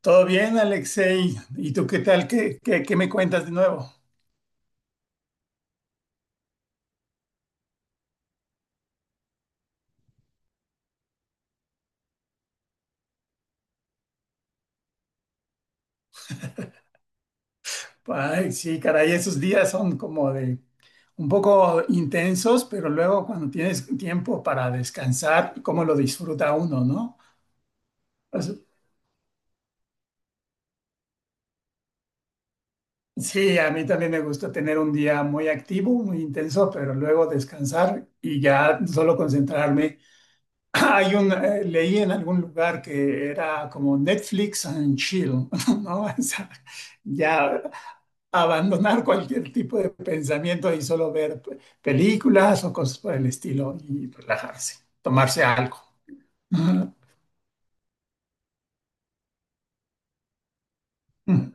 Todo bien, Alexei. ¿Y tú qué tal? ¿Qué me cuentas de nuevo? Ay, sí, caray, esos días son como de un poco intensos, pero luego cuando tienes tiempo para descansar, cómo lo disfruta uno, ¿no? Pues, sí, a mí también me gusta tener un día muy activo, muy intenso, pero luego descansar y ya solo concentrarme. Leí en algún lugar que era como Netflix and chill, ¿no? O sea, ya abandonar cualquier tipo de pensamiento y solo ver películas o cosas por el estilo y relajarse, tomarse algo. Ujú, ujú.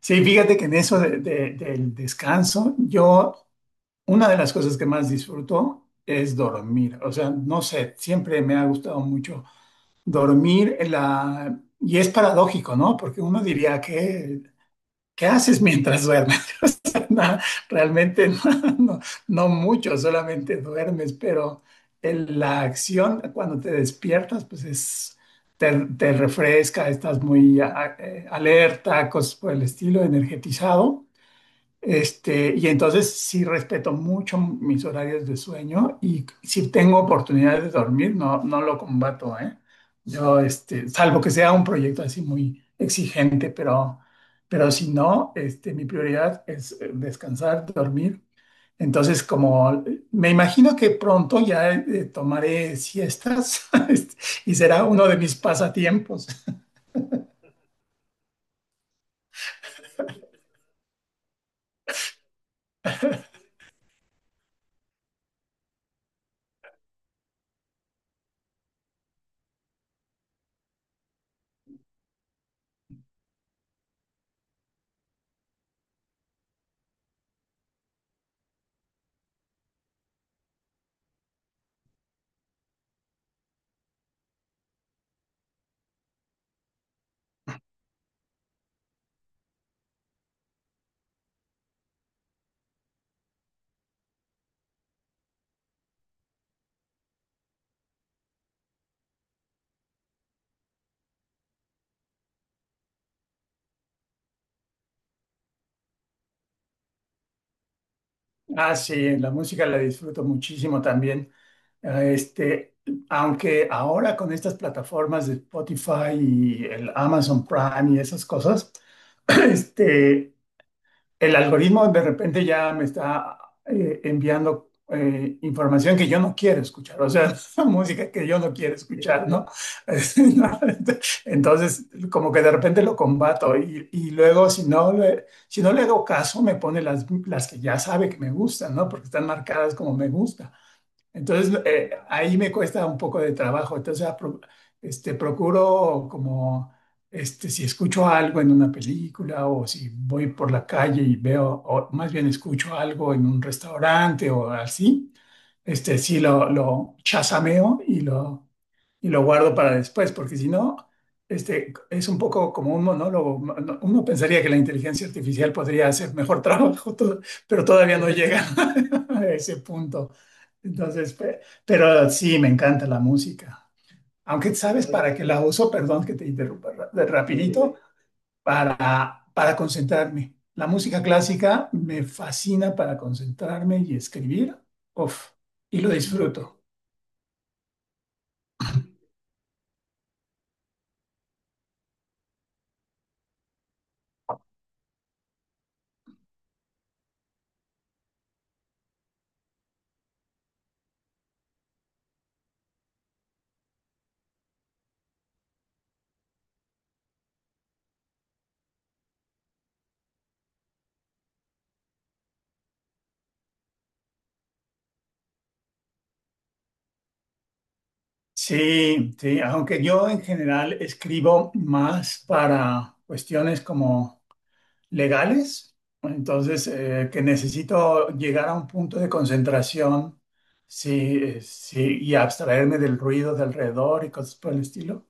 Sí, fíjate que en eso del descanso, yo, una de las cosas que más disfruto es dormir. O sea, no sé, siempre me ha gustado mucho dormir. Y es paradójico, ¿no? Porque uno diría que ¿qué haces mientras duermes? O sea, no, realmente no, no- no mucho, solamente duermes, pero la acción cuando te despiertas, pues es, te, te refresca, estás muy alerta, cosas por el estilo, energetizado. Y entonces sí respeto mucho mis horarios de sueño y si tengo oportunidad de dormir, no, no lo combato, ¿eh? Yo, salvo que sea un proyecto así muy exigente, pero si no, mi prioridad es descansar, dormir. Entonces, como me imagino que pronto ya tomaré siestas este, y será uno de mis pasatiempos. Ah, sí, la música la disfruto muchísimo también. Eh, Este, aunque ahora con estas plataformas de Spotify y el Amazon Prime y esas cosas, este, el algoritmo de repente ya me está enviando información que yo no quiero escuchar, o sea, música que yo no quiero escuchar, ¿no? Entonces, como que de repente lo combato y luego si no le hago caso, me pone las que ya sabe que me gustan, ¿no? Porque están marcadas como me gusta. Entonces, ahí me cuesta un poco de trabajo. Entonces, procuro como, si escucho algo en una película o si voy por la calle y veo, o más bien escucho algo en un restaurante o así, sí lo chasameo y lo guardo para después, porque si no, es un poco como un monólogo. Uno pensaría que la inteligencia artificial podría hacer mejor trabajo, pero todavía no llega a ese punto. Entonces, pero sí, me encanta la música. Aunque sabes para qué la uso, perdón que te interrumpa de rapidito, para concentrarme. La música clásica me fascina para concentrarme y escribir. Uf, y lo disfruto. Sí, sí, aunque yo en general escribo más para cuestiones como legales, entonces que necesito llegar a un punto de concentración sí, sí, y abstraerme del ruido de alrededor y cosas por el estilo.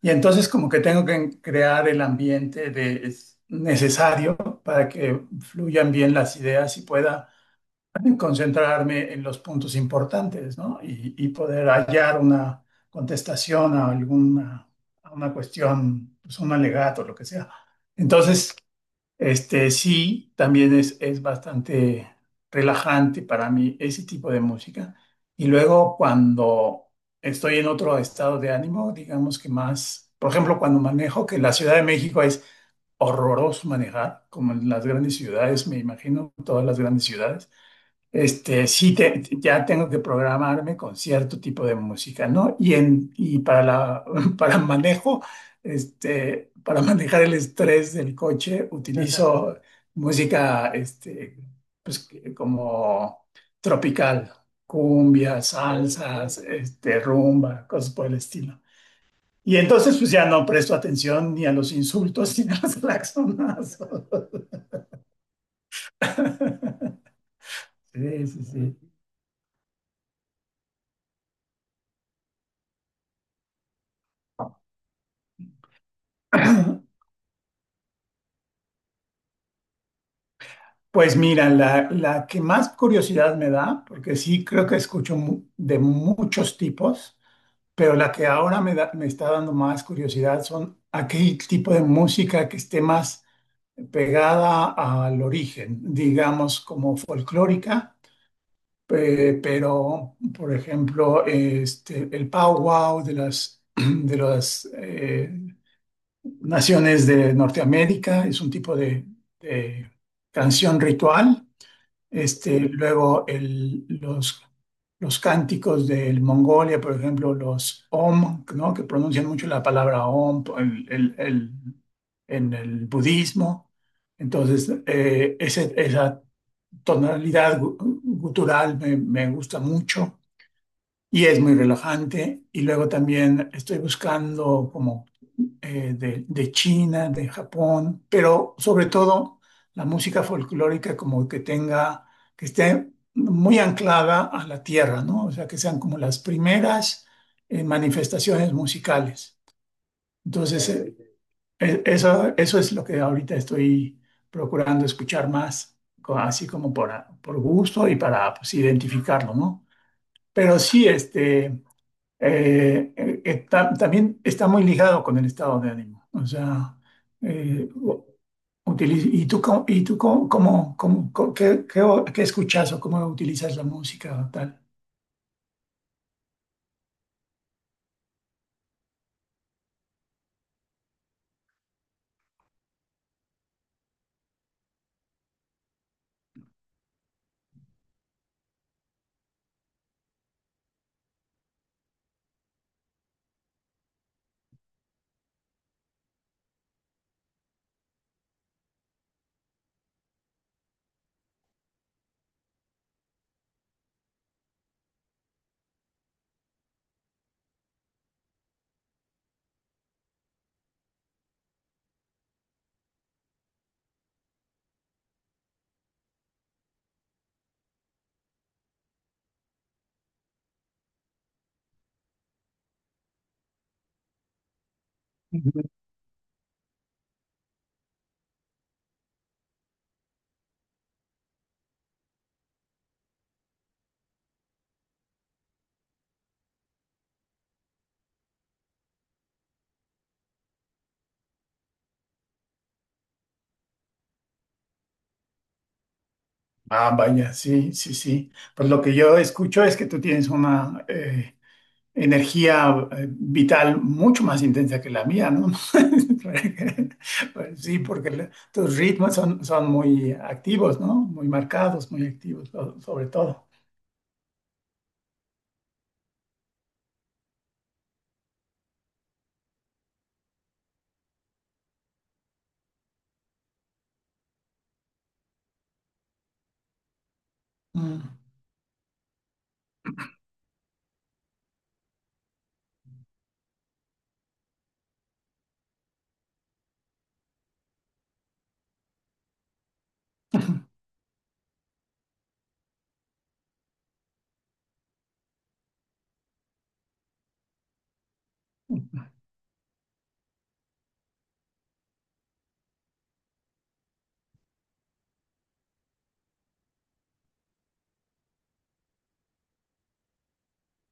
Y entonces como que tengo que crear el ambiente de, es necesario para que fluyan bien las ideas y pueda concentrarme en los puntos importantes, ¿no? Y poder hallar una contestación a alguna a una cuestión, pues un alegato, lo que sea. Entonces, sí, también es bastante relajante para mí ese tipo de música. Y luego cuando estoy en otro estado de ánimo, digamos que más, por ejemplo, cuando manejo, que la Ciudad de México es horroroso manejar, como en las grandes ciudades, me imagino, todas las grandes ciudades. Sí, ya tengo que programarme con cierto tipo de música, ¿no? Y, en, y para, la, para manejo, para manejar el estrés del coche, utilizo música, pues, como tropical, cumbia, salsas, Ok. Rumba, cosas por el estilo. Y entonces, pues ya no presto atención ni a los insultos ni a los claxonazos. Sí, sí, sí. Pues mira, la que más curiosidad me da, porque sí creo que escucho de muchos tipos, pero la que ahora me está dando más curiosidad son aquel tipo de música que esté más pegada al origen, digamos como folclórica, pero por ejemplo, el powwow de las, de las naciones de Norteamérica es un tipo de canción ritual luego los cánticos del Mongolia, por ejemplo, los Om, ¿no? Que pronuncian mucho la palabra Om en el budismo. Entonces, esa tonalidad gutural me, me gusta mucho y es muy relajante. Y luego también estoy buscando como de China, de Japón, pero sobre todo la música folclórica como que tenga, que esté muy anclada a la tierra, ¿no? O sea, que sean como las primeras manifestaciones musicales. Entonces, eso, eso es lo que ahorita estoy procurando escuchar más, así como por, por gusto y para pues, identificarlo, ¿no? Pero sí, está, también está muy ligado con el estado de ánimo. O sea, eh, u- ¿y tú, cómo, qué escuchas o cómo utilizas la música o tal? Ujú. Ah, vaya, sí, sí, sí. Pues lo que yo escucho es que tú tienes una energía vital mucho más intensa que la mía, ¿no? Pues sí, porque tus ritmos son, son muy activos, ¿no? Muy marcados, muy activos, sobre todo. Mm.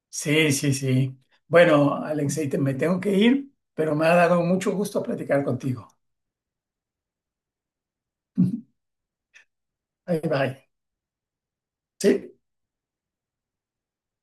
Sí, sí, sí. Bueno, Alexei, me tengo que ir, pero me ha dado mucho gusto platicar contigo. Bye, bye. Sí.